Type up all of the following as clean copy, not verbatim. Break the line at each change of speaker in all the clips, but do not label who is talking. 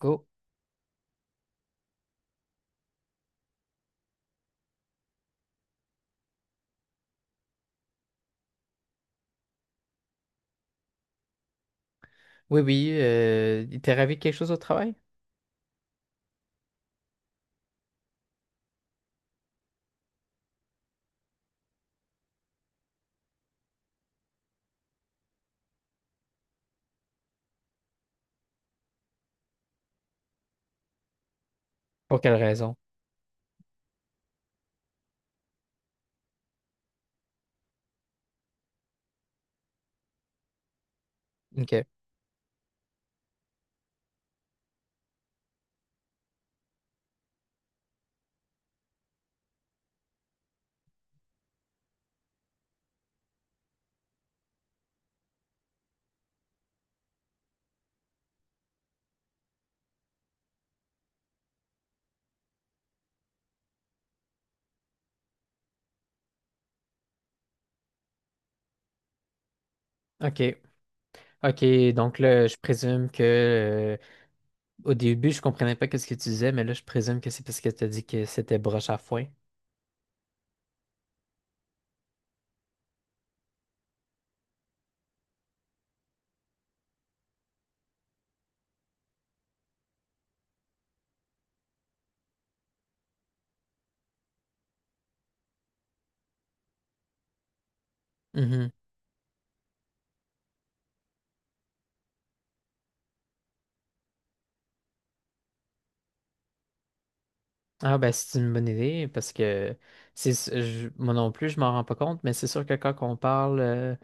Go. Oui, oui, il t'est arrivé quelque chose au travail? Pour quelle raison? OK. OK. OK. Donc là, je présume que au début, je comprenais pas ce que tu disais, mais là, je présume que c'est parce que tu as dit que c'était broche à foin. Mhm. Ah ben c'est une bonne idée parce que c'est moi non plus je m'en rends pas compte, mais c'est sûr que quand on parle euh,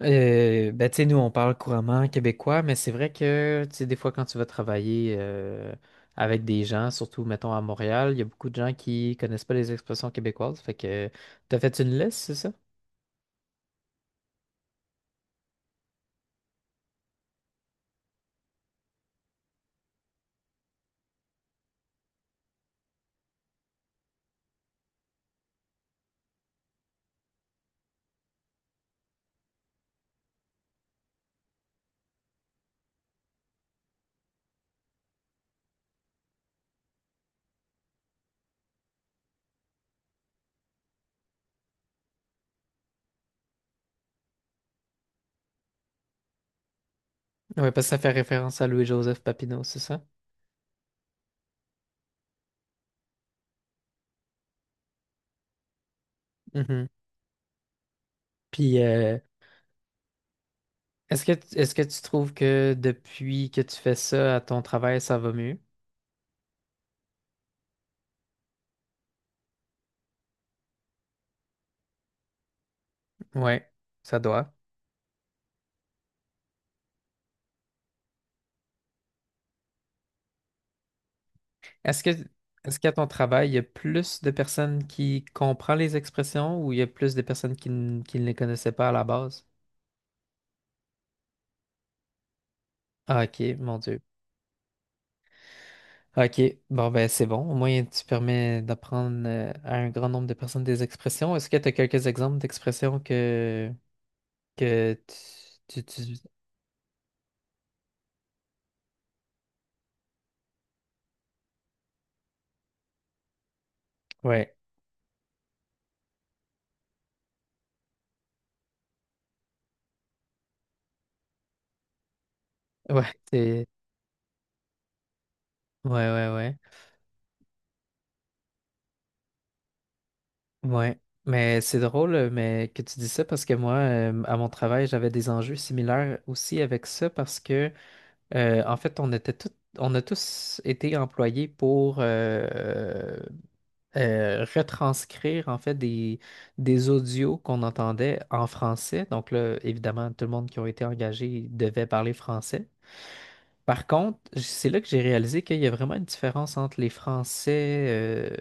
euh, ben tu sais, nous on parle couramment québécois, mais c'est vrai que tu sais, des fois quand tu vas travailler avec des gens, surtout mettons à Montréal, il y a beaucoup de gens qui connaissent pas les expressions québécoises, fait que t'as fait une liste, c'est ça? Ouais, parce que ça fait référence à Louis-Joseph Papineau, c'est ça? Mhm. Puis est-ce que tu trouves que depuis que tu fais ça à ton travail, ça va mieux? Ouais, ça doit. Est-ce que, est-ce qu'à ton travail, il y a plus de personnes qui comprennent les expressions, ou il y a plus de personnes qui ne les connaissaient pas à la base? Ah, OK, mon Dieu. OK, bon, ben c'est bon. Au moins, tu permets d'apprendre à un grand nombre de personnes des expressions. Est-ce que tu as quelques exemples d'expressions que tu. Ouais, ouais, c'est. Ouais, ouais, ouais. Ouais, mais c'est drôle mais que tu dis ça, parce que moi, à mon travail, j'avais des enjeux similaires aussi avec ça, parce que, en fait, on a tous été employés pour retranscrire, en fait, des audios qu'on entendait en français. Donc là, évidemment, tout le monde qui a été engagé devait parler français. Par contre, c'est là que j'ai réalisé qu'il y a vraiment une différence entre les Français euh,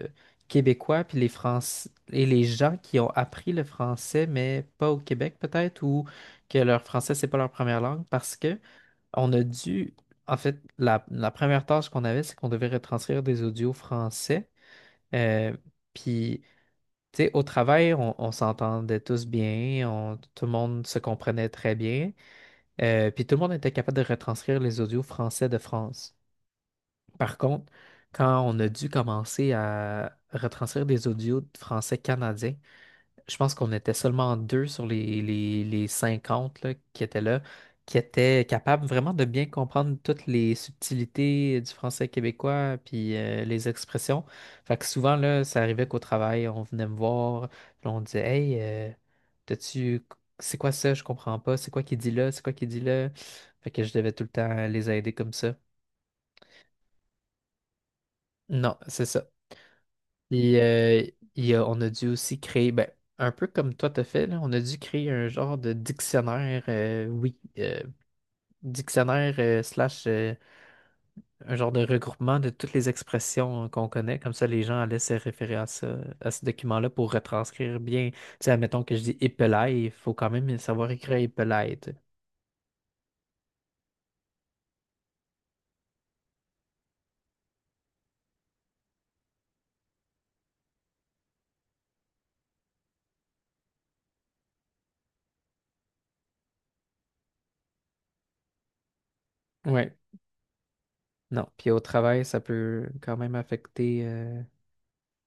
québécois, puis les Français et les gens qui ont appris le français, mais pas au Québec peut-être, ou que leur français, c'est pas leur première langue, parce que on a dû, en fait, la première tâche qu'on avait, c'est qu'on devait retranscrire des audios français. euh, puis, Tu sais, au travail, on s'entendait tous bien, tout le monde se comprenait très bien, puis tout le monde était capable de retranscrire les audios français de France. Par contre, quand on a dû commencer à retranscrire des audios de français canadien, je pense qu'on était seulement deux sur les 50 là, qui étaient capables vraiment de bien comprendre toutes les subtilités du français québécois, puis les expressions. Fait que souvent, là, ça arrivait qu'au travail, on venait me voir, puis on disait, « Hey, t'as-tu. C'est quoi ça? Je comprends pas. C'est quoi qui dit là? C'est quoi qui dit là? » Fait que je devais tout le temps les aider comme ça. Non, c'est ça. Et, euh, et, on a dû aussi créer, ben, un peu comme toi t'as fait, là, on a dû créer un genre de dictionnaire, oui, dictionnaire slash, un genre de regroupement de toutes les expressions qu'on connaît. Comme ça, les gens allaient se référer à ça, à ce document-là, pour retranscrire bien. Tu sais, admettons que je dis épelaye, il faut quand même savoir écrire épelaye, tu sais. Ouais. Non. Puis au travail, ça peut quand même affecter,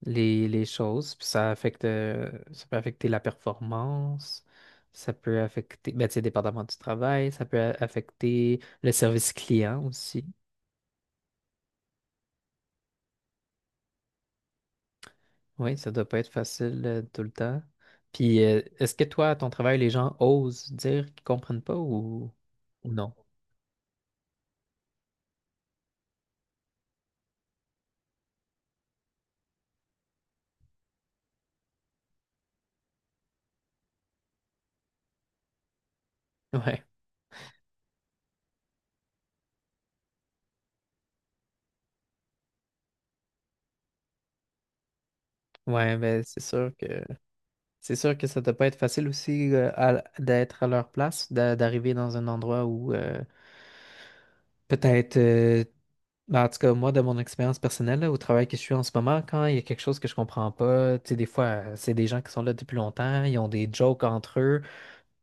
les choses, puis ça affecte, ça peut affecter la performance, ça peut affecter, ben, tu sais, dépendamment du travail, ça peut affecter le service client aussi. Oui, ça doit pas être facile tout le temps. Est-ce que toi, à ton travail, les gens osent dire qu'ils comprennent pas, ou non? Ouais, ouais, ben, c'est sûr que ça doit pas être facile aussi, d'être à leur place, d'arriver dans un endroit où peut-être. Ben, en tout cas, moi, de mon expérience personnelle, là, au travail que je suis en ce moment, quand il y a quelque chose que je comprends pas, tu sais, des fois, c'est des gens qui sont là depuis longtemps, ils ont des jokes entre eux.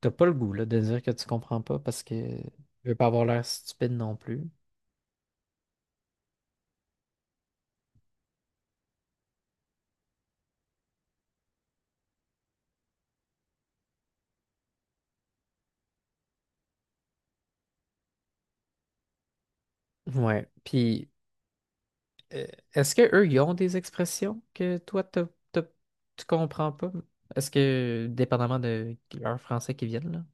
T'as pas le goût, là, de dire que tu comprends pas, parce que tu veux pas avoir l'air stupide non plus. Ouais. Puis. Euh, Est-ce que eux, ils ont des expressions que tu comprends pas? Est-ce que, dépendamment de leur français qui viennent, là?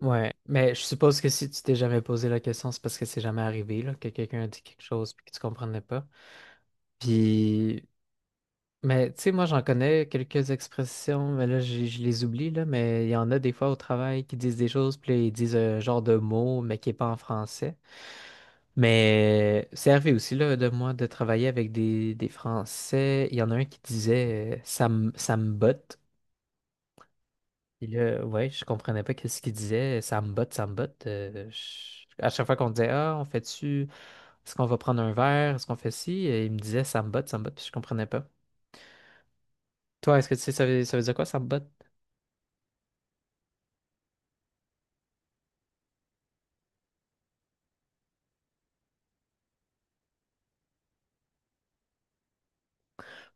Ouais, mais je suppose que si tu t'es jamais posé la question, c'est parce que c'est jamais arrivé, là, que quelqu'un a dit quelque chose puis que tu comprenais pas. Puis. Mais tu sais, moi, j'en connais quelques expressions, mais là, je les oublie, là, mais il y en a des fois au travail qui disent des choses, puis là, ils disent un genre de mot, mais qui n'est pas en français. Mais c'est arrivé aussi, là, de moi, de travailler avec des, Français. Il y en a un qui disait ça me botte. Et là, ouais, je comprenais pas qu'est-ce qu'il disait. Ça me botte, ça me botte. À chaque fois qu'on disait, ah, on fait-tu, est-ce qu'on va prendre un verre, est-ce qu'on fait ci, et il me disait, ça me botte, puis je comprenais pas. Toi, est-ce que tu sais, ça veut, dire quoi, ça me botte?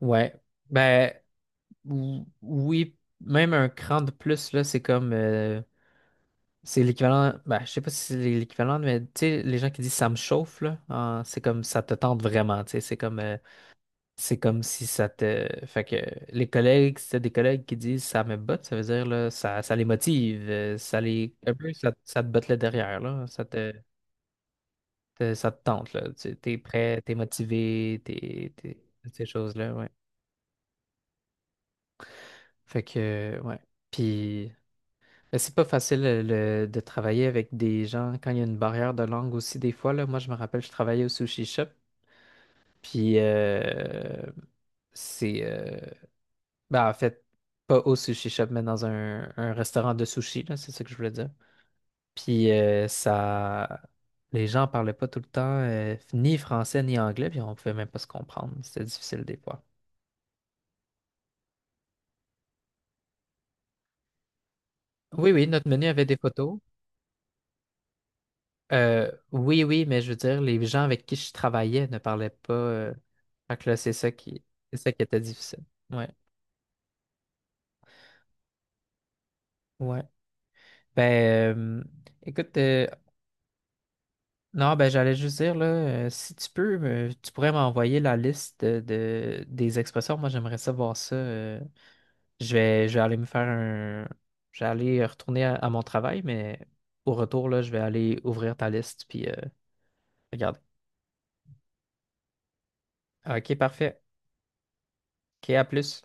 Ouais. Ben, oui, même un cran de plus, là, c'est comme, c'est l'équivalent. Ben, je sais pas si c'est l'équivalent, mais tu sais, les gens qui disent ça me chauffe, là, c'est comme, ça te tente vraiment, tu sais. C'est comme si ça te. Fait que les collègues, si t'as des collègues qui disent ça me botte, ça veut dire, là, ça les motive, ça les. Un peu, ça te botte le derrière, là. Ça te tente, là. Tu es prêt, t'es motivé, toutes ces choses-là, ouais. Fait que, ouais. Puis. Mais c'est pas facile, de travailler avec des gens quand il y a une barrière de langue aussi, des fois là. Moi, je me rappelle, je travaillais au sushi shop, puis c'est ben, en fait, pas au sushi shop, mais dans un restaurant de sushi, là, c'est ça que je voulais dire. Puis Ça, les gens parlaient pas tout le temps, ni français ni anglais, puis on pouvait même pas se comprendre. C'était difficile des fois. Oui, oui, notre menu avait des photos. Oui, oui, mais je veux dire, les gens avec qui je travaillais ne parlaient pas. Fait que là, c'est ça qui était difficile. Ouais, ouais. Ben, euh, Écoute, non, ben, j'allais juste dire, là, si tu peux, tu pourrais m'envoyer la liste des expressions. Moi, j'aimerais ça voir ça. Je vais aller me faire un. Je vais aller retourner à mon travail, mais au retour, là, je vais aller ouvrir ta liste, puis regarder. OK, parfait. OK, à plus.